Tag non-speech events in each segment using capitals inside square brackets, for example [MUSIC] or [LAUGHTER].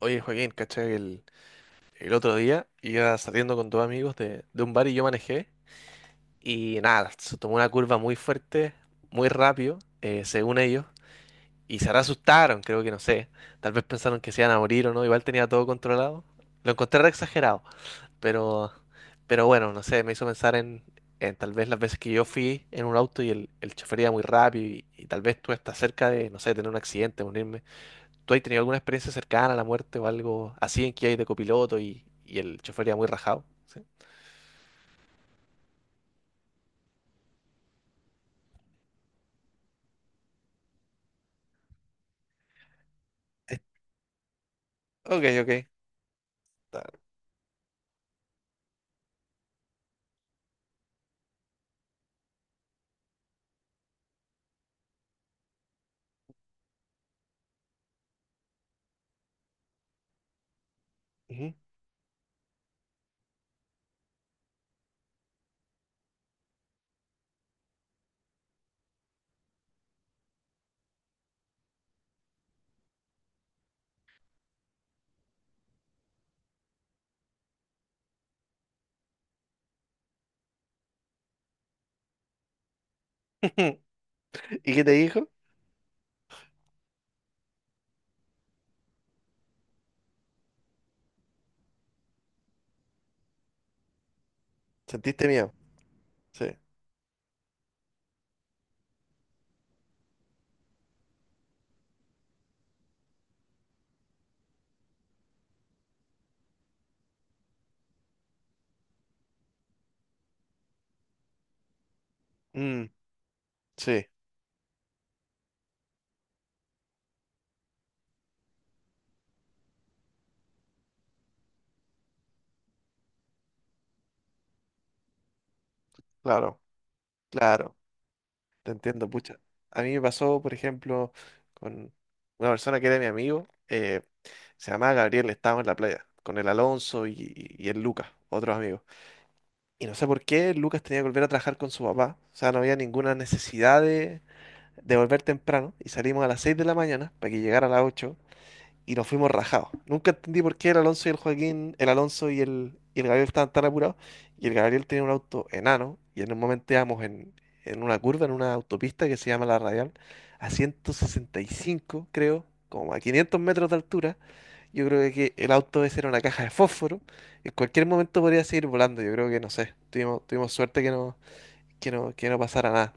Oye, Joaquín, ¿cachai? El otro día iba saliendo con dos amigos de un bar y yo manejé. Y nada, se tomó una curva muy fuerte, muy rápido, según ellos. Y se asustaron, creo que no sé. Tal vez pensaron que se iban a morir o no. Igual tenía todo controlado. Lo encontré re exagerado. Pero, pero bueno, no sé, me hizo pensar en tal vez las veces que yo fui en un auto y el chofer iba muy rápido. Y tal vez tú estás cerca de, no sé, tener un accidente, morirme. ¿Tú has tenido alguna experiencia cercana a la muerte o algo así en que hay de copiloto y el chofer iba muy rajado? ¿Sí? Eh, Ok, ok. Está- Ujú. [LAUGHS] ¿Y qué te dijo? ¿Sentiste miedo? Sí. Mm, sí, claro, claro. Te entiendo, pucha. A mí me pasó, por ejemplo, con una persona que era mi amigo, se llamaba Gabriel. Estábamos en la playa, con el Alonso y el Lucas, otros amigos. Y no sé por qué Lucas tenía que volver a trabajar con su papá. O sea, no había ninguna necesidad de volver temprano y salimos a las 6 de la mañana para que llegara a las 8 y nos fuimos rajados. Nunca entendí por qué el Alonso y el Joaquín, el Alonso y el Gabriel estaban tan apurados y el Gabriel tenía un auto enano y en un momento íbamos en una curva, en una autopista que se llama La Radial, a 165 creo, como a 500 metros de altura. Yo creo que el auto ese era una caja de fósforo. En cualquier momento podría seguir volando. Yo creo que no sé. Tuvimos suerte que no, que no pasara nada.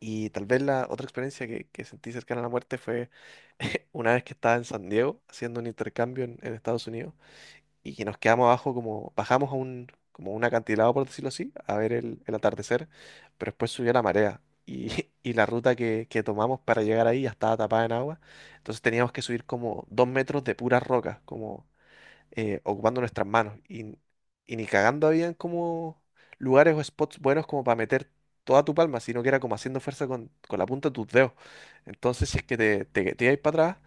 Y tal vez la otra experiencia que sentí cercana a la muerte fue [LAUGHS] una vez que estaba en San Diego haciendo un intercambio en Estados Unidos y que nos quedamos abajo como, bajamos a un, como un acantilado, por decirlo así, a ver el atardecer, pero después subió la marea y, [LAUGHS] y la ruta que tomamos para llegar ahí ya estaba tapada en agua, entonces teníamos que subir como dos metros de puras rocas, como ocupando nuestras manos. Y ni cagando habían como lugares o spots buenos como para meter toda tu palma, sino que era como haciendo fuerza con la punta de tus dedos. Entonces, si es que te ibais para atrás,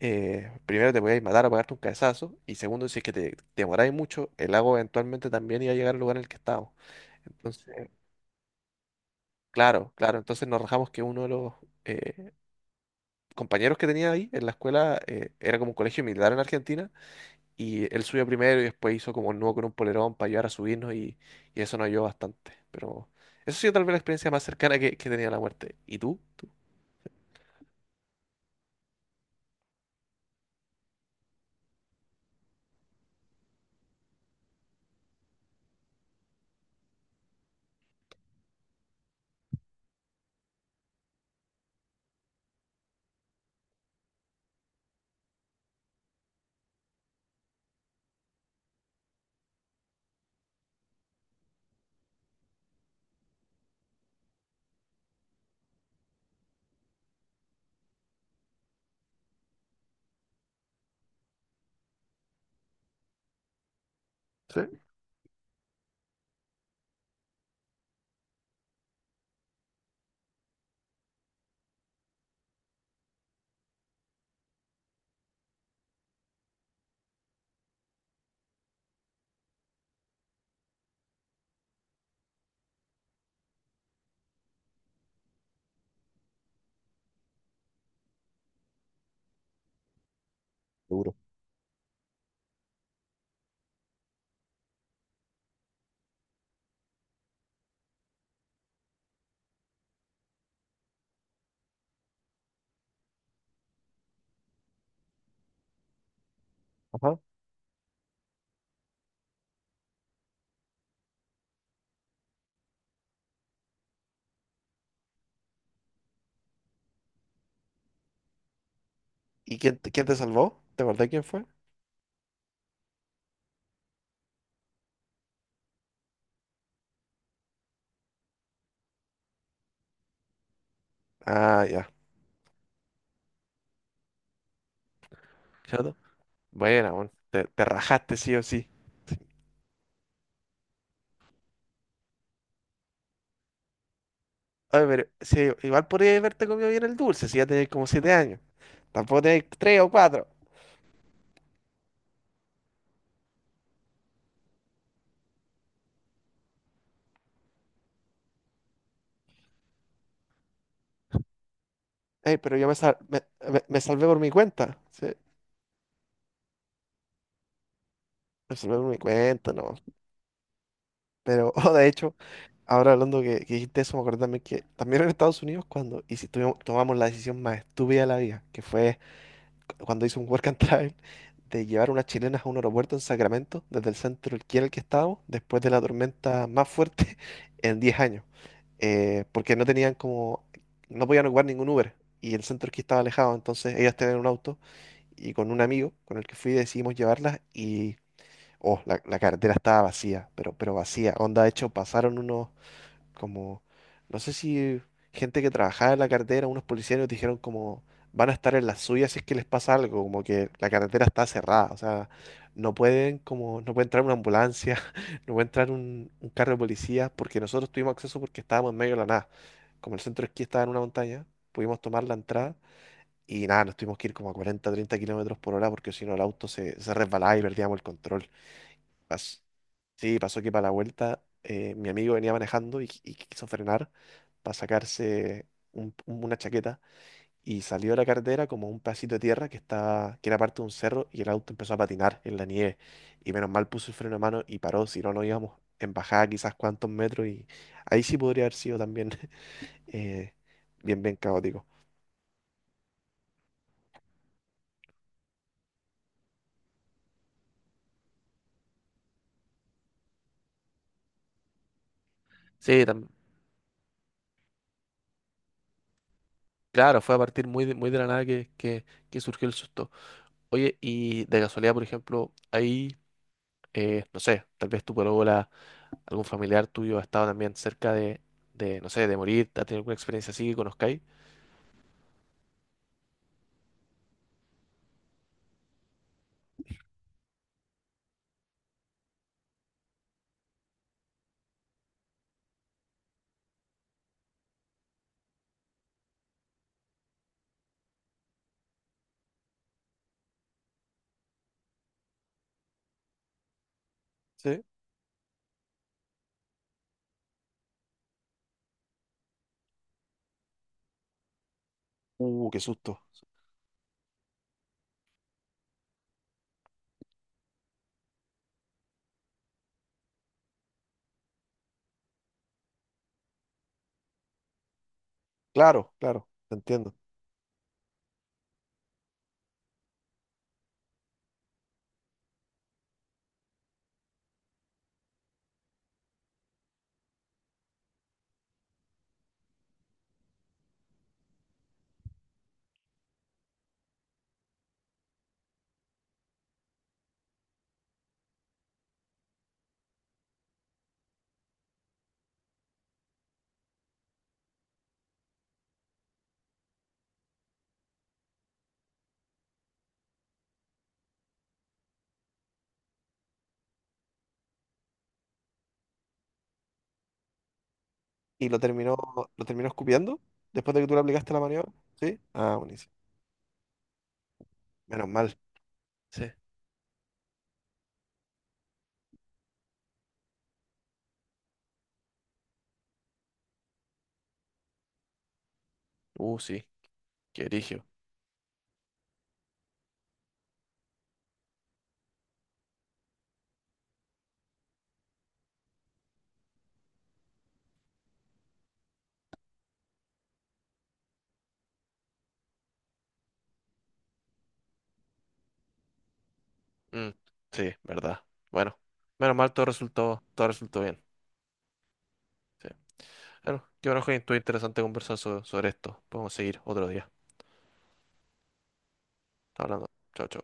primero te podíais matar o pegarte un cabezazo, y segundo, si es que te demoráis mucho, el lago eventualmente también iba a llegar al lugar en el que estábamos. Entonces, claro, claro, entonces nos rajamos que uno de los... eh, compañeros que tenía ahí en la escuela era como un colegio militar en Argentina. Y él subió primero y después hizo como un nudo con un polerón para ayudar a subirnos y eso nos ayudó bastante. Pero eso ha sido tal vez la experiencia más cercana que tenía a la muerte. ¿Y tú? Sí, seguro. Ajá. ¿Y quién, quién te salvó? ¿Te acordás quién fue? Ah, ya. ¿Chato? Buena, bueno, te rajaste sí o sí. Oye, pero sí, igual podría haberte comido bien el dulce si ya tenés como 7 años. Tampoco tenés tres o cuatro. Ey, pero yo me salvé por mi cuenta. Sí, me salvé por mi cuenta, no. Pero, [LAUGHS] oh, de hecho, ahora hablando que dijiste eso, me acordé también que también en Estados Unidos, cuando y si tomamos la decisión más estúpida de la vida, que fue cuando hice un work and travel, de llevar unas chilenas a un aeropuerto en Sacramento, desde el centro aquí en el que estábamos, después de la tormenta más fuerte [LAUGHS] en 10 años, porque no tenían como, no podían ocupar ningún Uber. Y el centro aquí estaba alejado, entonces ellas tenían un auto y con un amigo con el que fui decidimos llevarlas y oh, la carretera estaba vacía, pero vacía. Onda, de hecho, pasaron unos como, no sé si gente que trabajaba en la carretera, unos policías nos dijeron como, van a estar en la suya si es que les pasa algo, como que la carretera está cerrada, o sea, no pueden como, no puede entrar una ambulancia, [LAUGHS] no puede entrar un carro de policía, porque nosotros tuvimos acceso porque estábamos en medio de la nada. Como el centro de esquí estaba en una montaña, pudimos tomar la entrada y nada, nos tuvimos que ir como a 40 30 km/h porque si no el auto se, se resbalaba y perdíamos el control. Pas- Sí, pasó que para la vuelta mi amigo venía manejando y quiso frenar para sacarse una chaqueta y salió de la carretera como un pedacito de tierra que estaba, que era parte de un cerro y el auto empezó a patinar en la nieve y menos mal puso el freno a mano y paró, si no, no íbamos en bajada quizás cuántos metros y ahí sí podría haber sido también [LAUGHS] eh, bien, bien caótico. Sí, tam- claro, fue a partir muy de la nada que, que surgió el susto. Oye, y de casualidad, por ejemplo, ahí no sé, tal vez tu polola, algún familiar tuyo ha estado también cerca de, no sé, de morir, ha tenido alguna experiencia así que conozcáis. Sí. Qué susto. Claro, claro, te entiendo. ¿Y lo terminó escupiendo después de que tú le aplicaste la maniobra? Sí. Ah, buenísimo. Menos mal. Sí. Sí, qué erigio. Sí, verdad. Bueno, menos mal todo resultó bien. Sí. Bueno, qué bueno, Joaquín, estuvo interesante conversar sobre esto. Podemos seguir otro día. Hablando. Chao, chao.